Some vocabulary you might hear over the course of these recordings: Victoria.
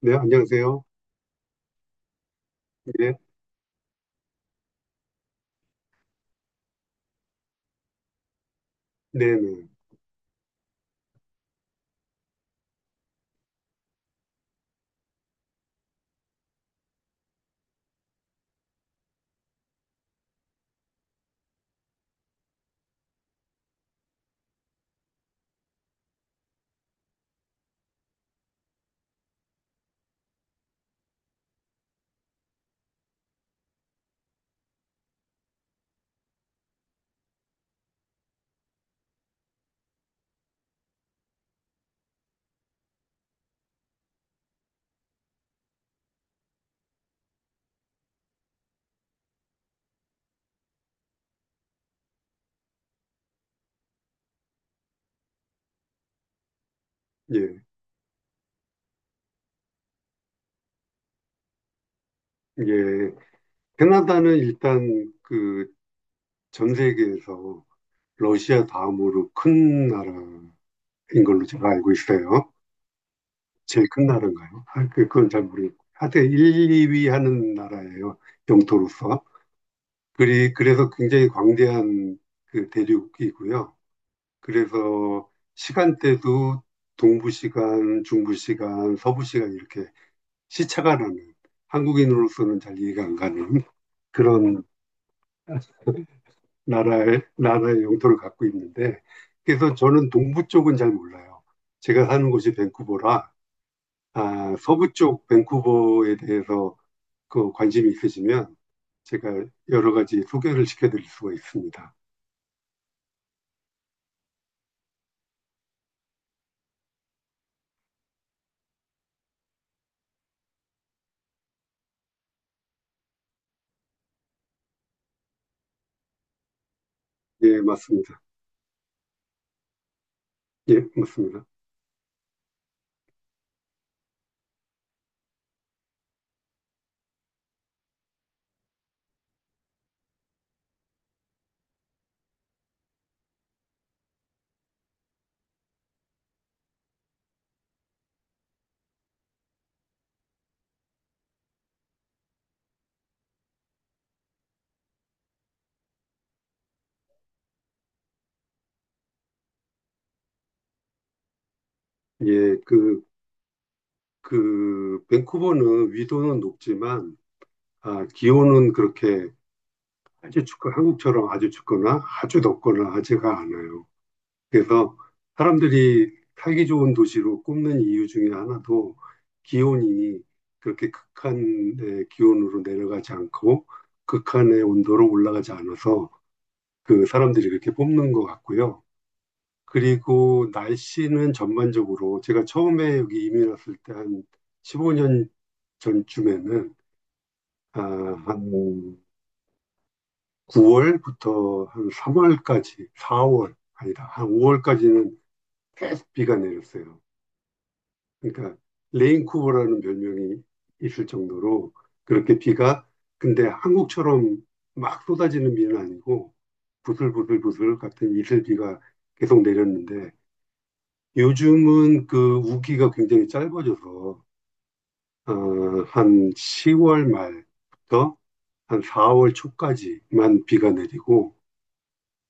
네, 안녕하세요. 예, 네네. 예, 예. 캐나다는 일단 그 전 세계에서 러시아 다음으로 큰 나라인 걸로 제가 알고 있어요. 제일 큰 나라인가요? 아, 그건 잘 모르겠고. 하여튼 1, 2위 하는 나라예요. 영토로서. 그래서 굉장히 광대한 그 대륙이고요. 그래서 시간대도 동부 시간, 중부 시간, 서부 시간 이렇게 시차가 나는 한국인으로서는 잘 이해가 안 가는 그런 나라의 영토를 갖고 있는데, 그래서 저는 동부 쪽은 잘 몰라요. 제가 사는 곳이 밴쿠버라, 아, 서부 쪽 밴쿠버에 대해서 그 관심이 있으시면 제가 여러 가지 소개를 시켜드릴 수가 있습니다. 예, 맞습니다. 예, 맞습니다. 예, 밴쿠버는 위도는 높지만, 아, 기온은 그렇게 아주 춥고, 한국처럼 아주 춥거나 아주 덥거나 하지가 않아요. 그래서 사람들이 살기 좋은 도시로 꼽는 이유 중에 하나도 기온이 그렇게 극한의 기온으로 내려가지 않고 극한의 온도로 올라가지 않아서 그 사람들이 그렇게 뽑는 것 같고요. 그리고 날씨는 전반적으로 제가 처음에 여기 이민 왔을 때 한 15년 전쯤에는 아, 한 9월부터 한 3월까지, 4월, 아니다, 한 5월까지는 계속 비가 내렸어요. 그러니까 레인쿠버라는 별명이 있을 정도로 그렇게 비가, 근데 한국처럼 막 쏟아지는 비는 아니고 부슬부슬부슬 같은 이슬비가 계속 내렸는데, 요즘은 그 우기가 굉장히 짧아져서 어, 한 10월 말부터 한 4월 초까지만 비가 내리고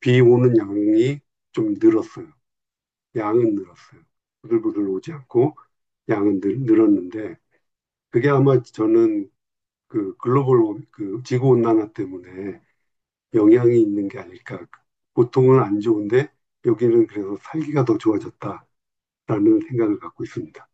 비 오는 양이 좀 늘었어요. 양은 늘었어요. 부들부들 오지 않고 양은 늘었는데, 그게 아마 저는 그 글로벌 그 지구 온난화 때문에 영향이 있는 게 아닐까. 보통은 안 좋은데 여기는 그래서 살기가 더 좋아졌다라는 생각을 갖고 있습니다.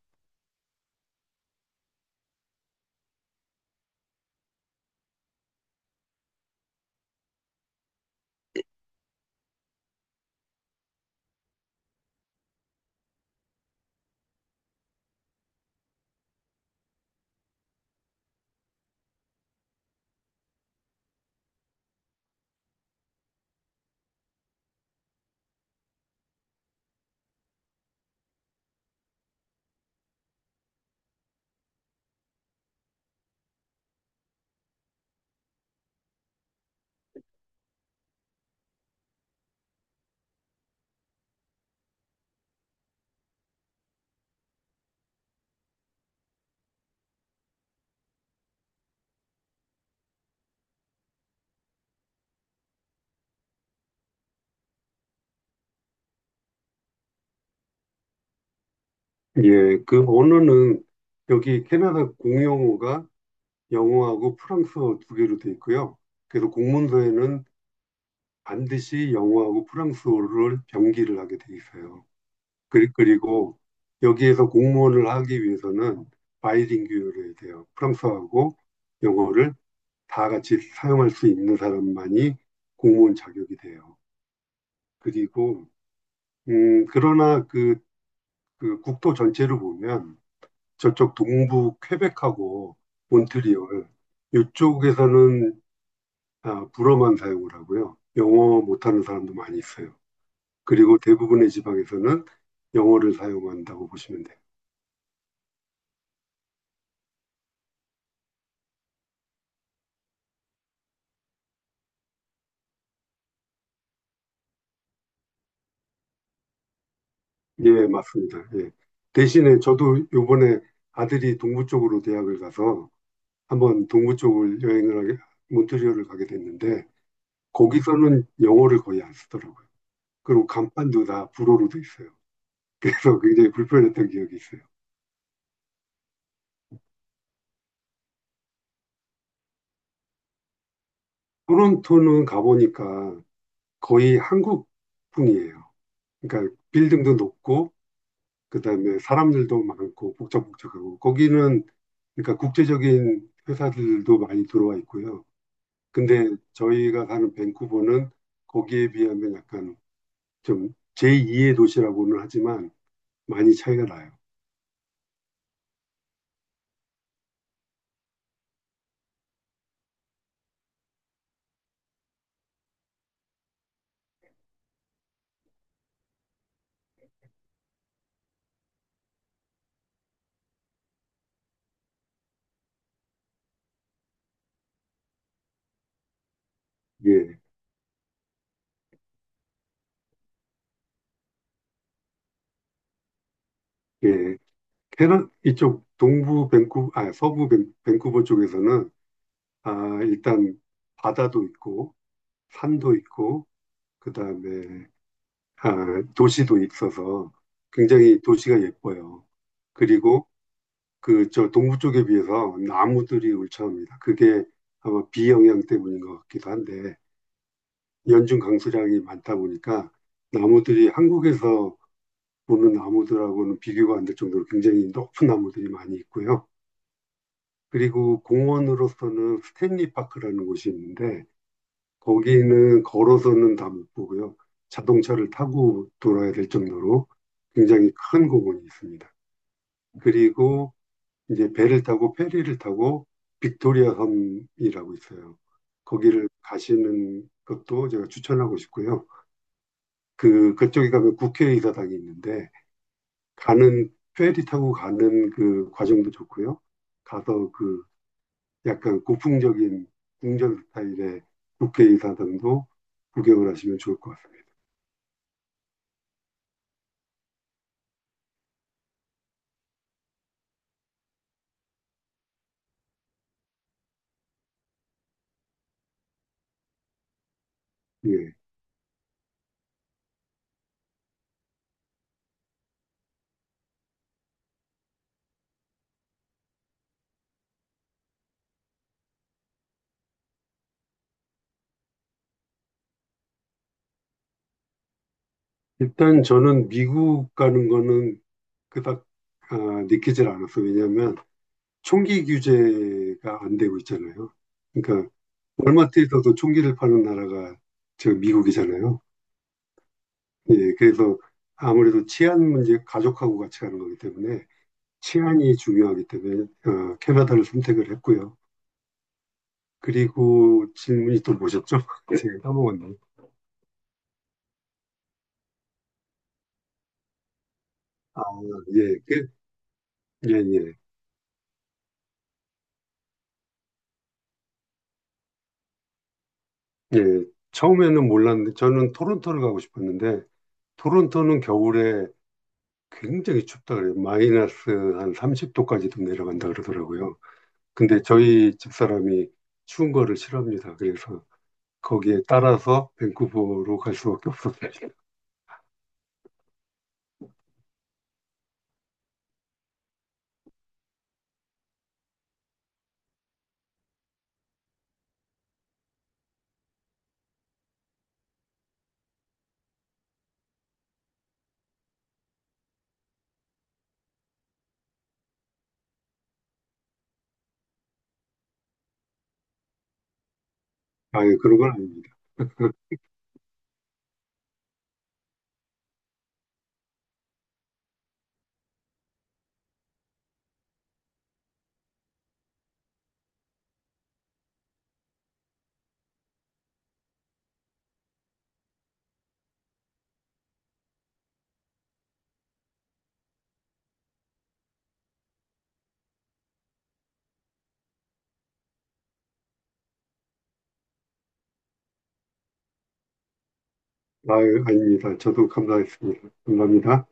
예, 그 언어는 여기 캐나다 공용어가 영어하고 프랑스어 두 개로 돼 있고요. 그래서 공문서에는 반드시 영어하고 프랑스어를 병기를 하게 돼 있어요. 그리고 여기에서 공무원을 하기 위해서는 바이링구얼 해야 돼요. 프랑스어하고 영어를 다 같이 사용할 수 있는 사람만이 공무원 자격이 돼요. 그리고 그러나 그 국토 전체를 보면 저쪽 동부 퀘벡하고 몬트리올 이쪽에서는 아, 불어만 사용을 하고요. 영어 못하는 사람도 많이 있어요. 그리고 대부분의 지방에서는 영어를 사용한다고 보시면 돼요. 예, 맞습니다. 예. 대신에 저도 요번에 아들이 동부 쪽으로 대학을 가서 한번 동부 쪽을 여행을 하게, 몬트리올을 가게 됐는데 거기서는 영어를 거의 안 쓰더라고요. 그리고 간판도 다 불어로 돼 있어요. 그래서 굉장히 불편했던 기억이 있어요. 토론토는 가보니까 거의 한국풍이에요. 그러니까 빌딩도 높고 그다음에 사람들도 많고 복잡복잡하고 거기는, 그러니까 국제적인 회사들도 많이 들어와 있고요. 근데 저희가 가는 밴쿠버는 거기에 비하면 약간 좀 제2의 도시라고는 하지만 많이 차이가 나요. 예, 예. 캐나 이쪽 동부 밴쿠 아, 서부 밴쿠버 쪽에서는 아, 일단 바다도 있고 산도 있고 그다음에 아, 도시도 있어서 굉장히 도시가 예뻐요. 그리고 그 저 동부 쪽에 비해서 나무들이 울창합니다. 그게 아마 비 영향 때문인 것 같기도 한데 연중 강수량이 많다 보니까 나무들이 한국에서 보는 나무들하고는 비교가 안 될 정도로 굉장히 높은 나무들이 많이 있고요. 그리고 공원으로서는 스탠리 파크라는 곳이 있는데 거기는 걸어서는 다 못 보고요. 자동차를 타고 돌아야 될 정도로 굉장히 큰 공원이 있습니다. 그리고 이제 배를 타고 페리를 타고 빅토리아 섬이라고 있어요. 거기를 가시는 것도 제가 추천하고 싶고요. 그 그쪽에 가면 국회의사당이 있는데 가는 페리 타고 가는 그 과정도 좋고요. 가서 그 약간 고풍적인 궁전 스타일의 국회의사당도 구경을 하시면 좋을 것 같습니다. 예. 일단 저는 미국 가는 거는 그닥 아, 느끼질 않았어요. 왜냐하면 총기 규제가 안 되고 있잖아요. 그러니까 월마트에서도 총기를 파는 나라가 저 미국이잖아요. 예, 그래서 아무래도 치안 문제, 가족하고 같이 가는 거기 때문에 치안이 중요하기 때문에 캐나다를 선택을 했고요. 그리고 질문이 또 뭐셨죠? 제가 까먹었네. 예, 예, 예, 예. 처음에는 몰랐는데 저는 토론토를 가고 싶었는데 토론토는 겨울에 굉장히 춥다 그래요. 마이너스 한 30도까지도 내려간다 그러더라고요. 근데 저희 집사람이 추운 거를 싫어합니다. 그래서 거기에 따라서 밴쿠버로 갈 수밖에 없었어요. 아유, 그런 건 아닙니다. 아유, 아닙니다. 저도 감사했습니다. 감사합니다.